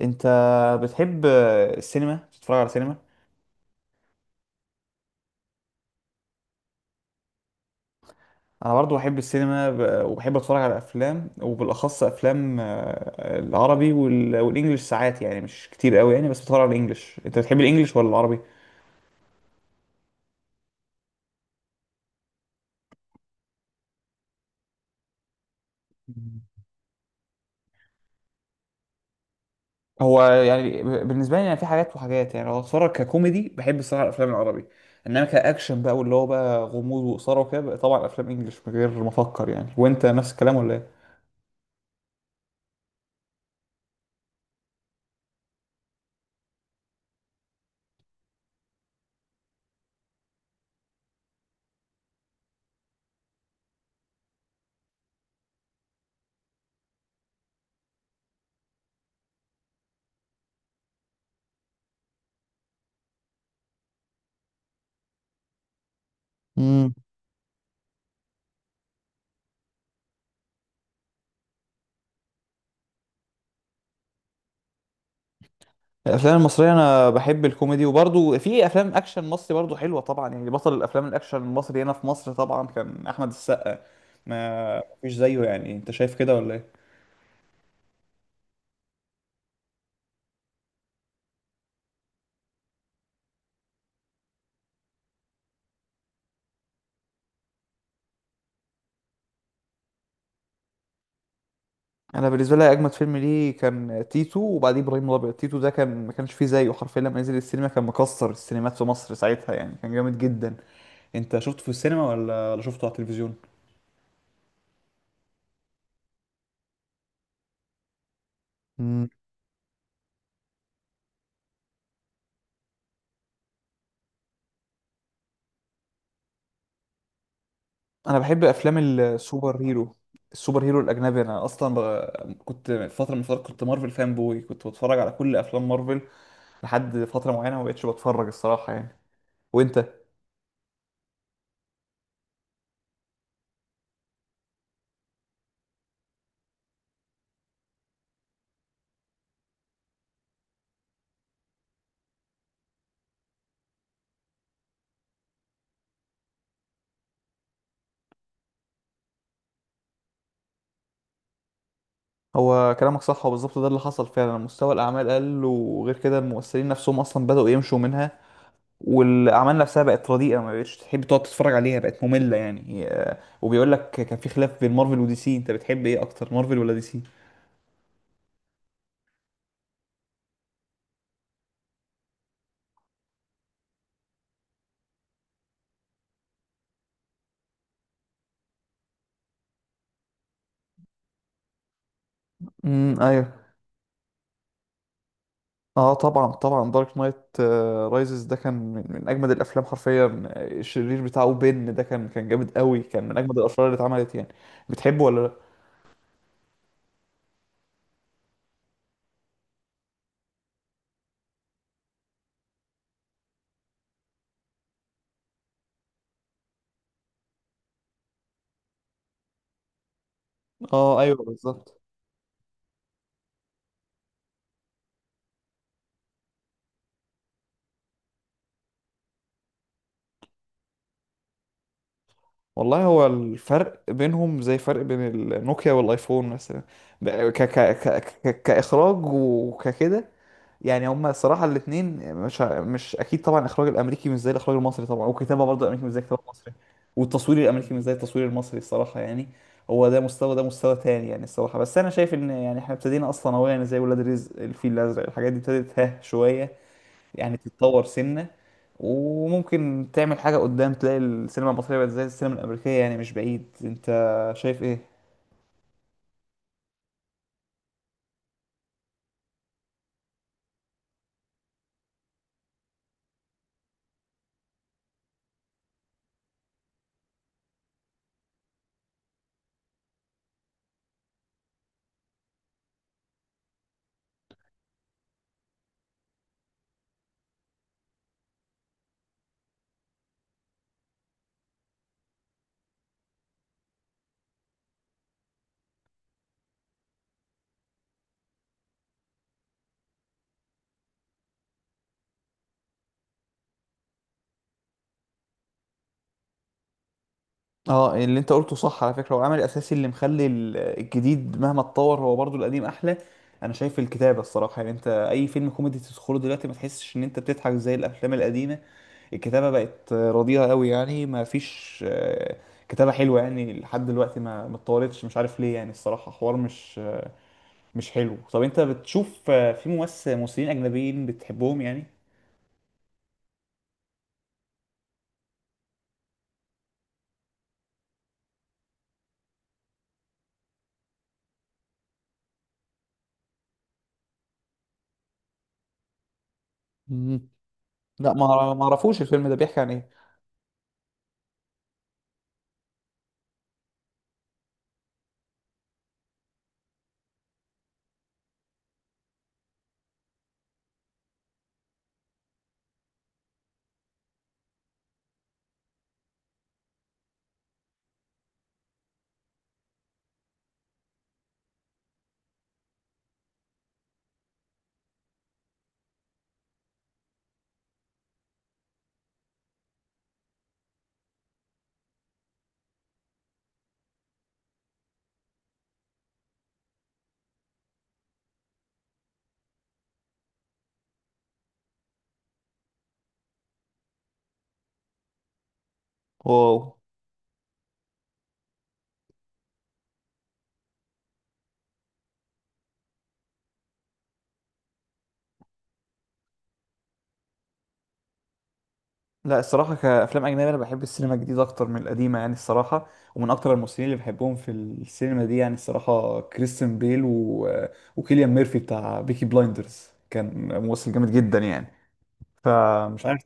انت بتحب السينما؟ بتتفرج على سينما؟ انا برضو بحب السينما وبحب اتفرج على افلام وبالاخص افلام العربي والانجليش ساعات يعني مش كتير قوي يعني، بس بتفرج على الانجليش. انت بتحب الانجليش ولا العربي؟ مم. هو يعني بالنسبه لي يعني في حاجات وحاجات، يعني لو اتفرج ككوميدي بحب الصراحه الافلام العربي، انما كاكشن بقى واللي هو بقى غموض واثاره وكده بقى طبعا افلام انجليش من غير ما افكر يعني. وانت نفس الكلام ولا ايه؟ الافلام المصريه انا بحب الكوميدي، وبرضو في افلام اكشن مصري برضو حلوه طبعا يعني. بطل الافلام الاكشن المصري هنا في مصر طبعا كان احمد السقا، ما فيش زيه يعني. انت شايف كده ولا ايه؟ انا بالنسبه لي اجمد فيلم ليه كان تيتو وبعديه ابراهيم الابيض. تيتو ده كان ما كانش فيه زيه حرفيا، لما نزل السينما كان مكسر السينمات في مصر ساعتها يعني، كان جامد جدا. انت شفته في السينما ولا شفته على التلفزيون؟ انا بحب افلام السوبر هيرو. السوبر هيرو الاجنبي، كنت فتره من الفترات كنت مارفل فان بوي، كنت بتفرج على كل افلام مارفل لحد فتره معينه، ما بقتش بتفرج الصراحه يعني. وانت؟ هو كلامك صح وبالظبط ده اللي حصل فعلا، مستوى الاعمال قل، وغير كده الممثلين نفسهم اصلا بداوا يمشوا منها، والاعمال نفسها بقت رديئه، ما بقتش تحب تقعد تتفرج عليها بقت ممله يعني. وبيقول لك كان في خلاف بين مارفل ودي سي، انت بتحب ايه اكتر مارفل ولا دي سي؟ امم، ايوه. اه طبعا طبعا، دارك نايت رايزز ده كان من اجمد الافلام حرفيا. الشرير بتاعه بين ده كان جامد قوي، كان من اجمد الافلام اللي اتعملت يعني. بتحبه ولا لا؟ اه ايوه بالظبط. والله هو الفرق بينهم زي فرق بين النوكيا والايفون مثلا. ك ك ك ك كاخراج وككده. يعني هما الصراحه الاثنين، مش اكيد طبعا الاخراج الامريكي مش زي الاخراج المصري، طبعا والكتابه برضه الامريكي مش زي الكتابه المصري. والتصوير الامريكي مش زي التصوير المصري الصراحه يعني. هو ده مستوى، ده مستوى تاني يعني الصراحه. بس انا شايف ان يعني احنا ابتدينا اصلا اهو يعني، زي ولاد رزق، الفيل الازرق، الحاجات دي ابتدت ها شويه يعني تتطور سنه، وممكن تعمل حاجه قدام تلاقي السينما المصريه بقت زي السينما الامريكيه يعني، مش بعيد. انت شايف ايه؟ اه، اللي انت قلته صح على فكرة. هو العمل الاساسي اللي مخلي الجديد مهما اتطور هو برضو القديم احلى. انا شايف الكتابة الصراحة يعني، انت اي فيلم كوميدي تدخله دلوقتي ما تحسش ان انت بتضحك زي الافلام القديمة. الكتابة بقت رديئة قوي يعني، ما فيش كتابة حلوة يعني لحد دلوقتي، ما اتطورتش مش عارف ليه يعني، الصراحة حوار مش حلو. طب انت بتشوف في ممثلين اجنبيين بتحبهم يعني؟ مم. لا ما اعرفوش، الفيلم ده بيحكي عن ايه؟ واو. لا، الصراحة كأفلام أجنبية أنا بحب السينما الجديدة أكتر من القديمة يعني الصراحة. ومن أكتر الممثلين اللي بحبهم في السينما دي يعني الصراحة كريستيان بيل وكيليان ميرفي بتاع بيكي بلايندرز، كان ممثل جامد جدا يعني. فمش عارف.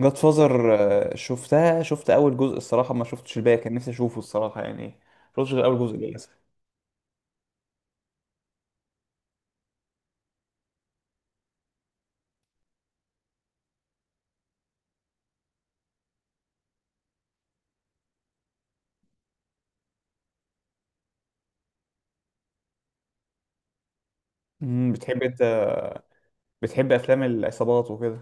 جاد فازر؟ شفتها، شفت أول جزء الصراحة، ما شفتش الباقي. كان نفسي أشوفه الصراحة يعني. ما شفتش غير أول جزء للأسف. بتحب أنت بتحب أفلام العصابات وكده؟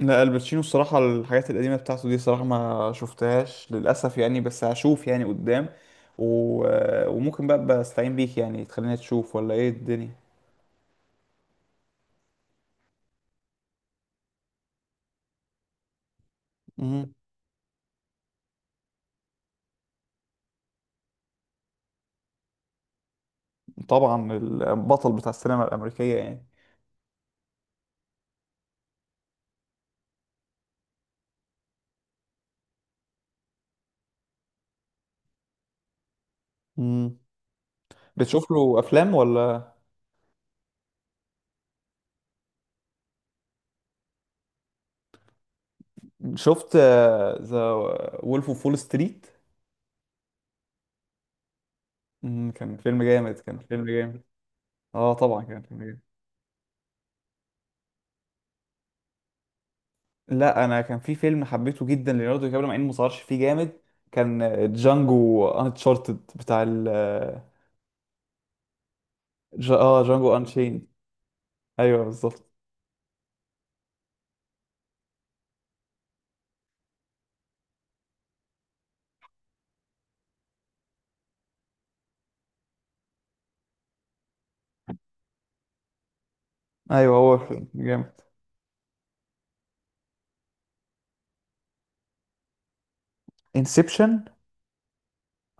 لا، الباتشينو الصراحة الحاجات القديمة بتاعته دي صراحة ما شفتهاش للأسف يعني، بس هشوف يعني قدام. و... وممكن بقى بستعين بيك يعني تخليني تشوف ولا ايه الدنيا. مهم. طبعا، البطل بتاع السينما الأمريكية يعني. مم. بتشوف له أفلام ولا؟ شفت ذا وولف اوف وول ستريت. كان فيلم جامد، كان فيلم جامد. اه طبعا كان فيلم جامد. لا، انا كان في فيلم حبيته جدا ليوناردو دي كابريو مع انه ما ظهرش فيه جامد. كان جانجو انشارتد بتاع ال. اه، جانجو انشين. ايوه بالظبط. ايوه، هو فيلم جامد. انسبشن؟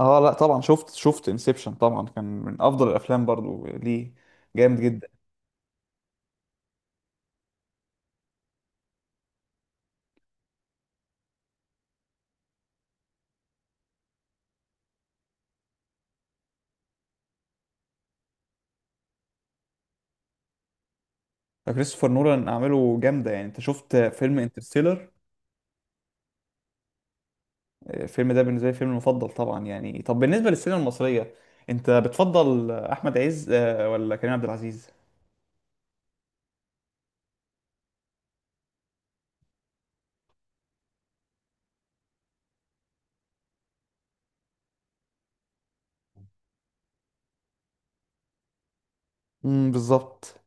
اه لا طبعا، شفت انسبشن طبعا، كان من افضل الافلام برضو ليه، جامد جدا. كريستوفر نولان اعماله جامده يعني. انت شفت فيلم انترستيلر؟ الفيلم ده بالنسبه لي فيلم المفضل طبعا يعني. طب بالنسبه للسينما المصريه، انت بتفضل احمد عز ولا كريم عبد العزيز؟ امم، بالظبط.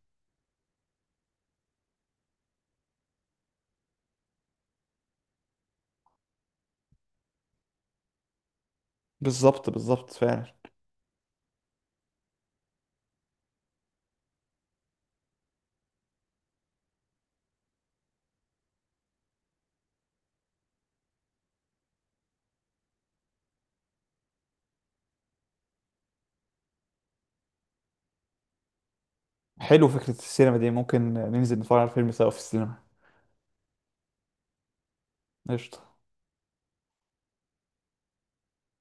بالظبط، بالظبط فعلا. حلو، فكرة السينما دي ممكن ننزل نتفرج على الفيلم سوا في السينما. قشطة.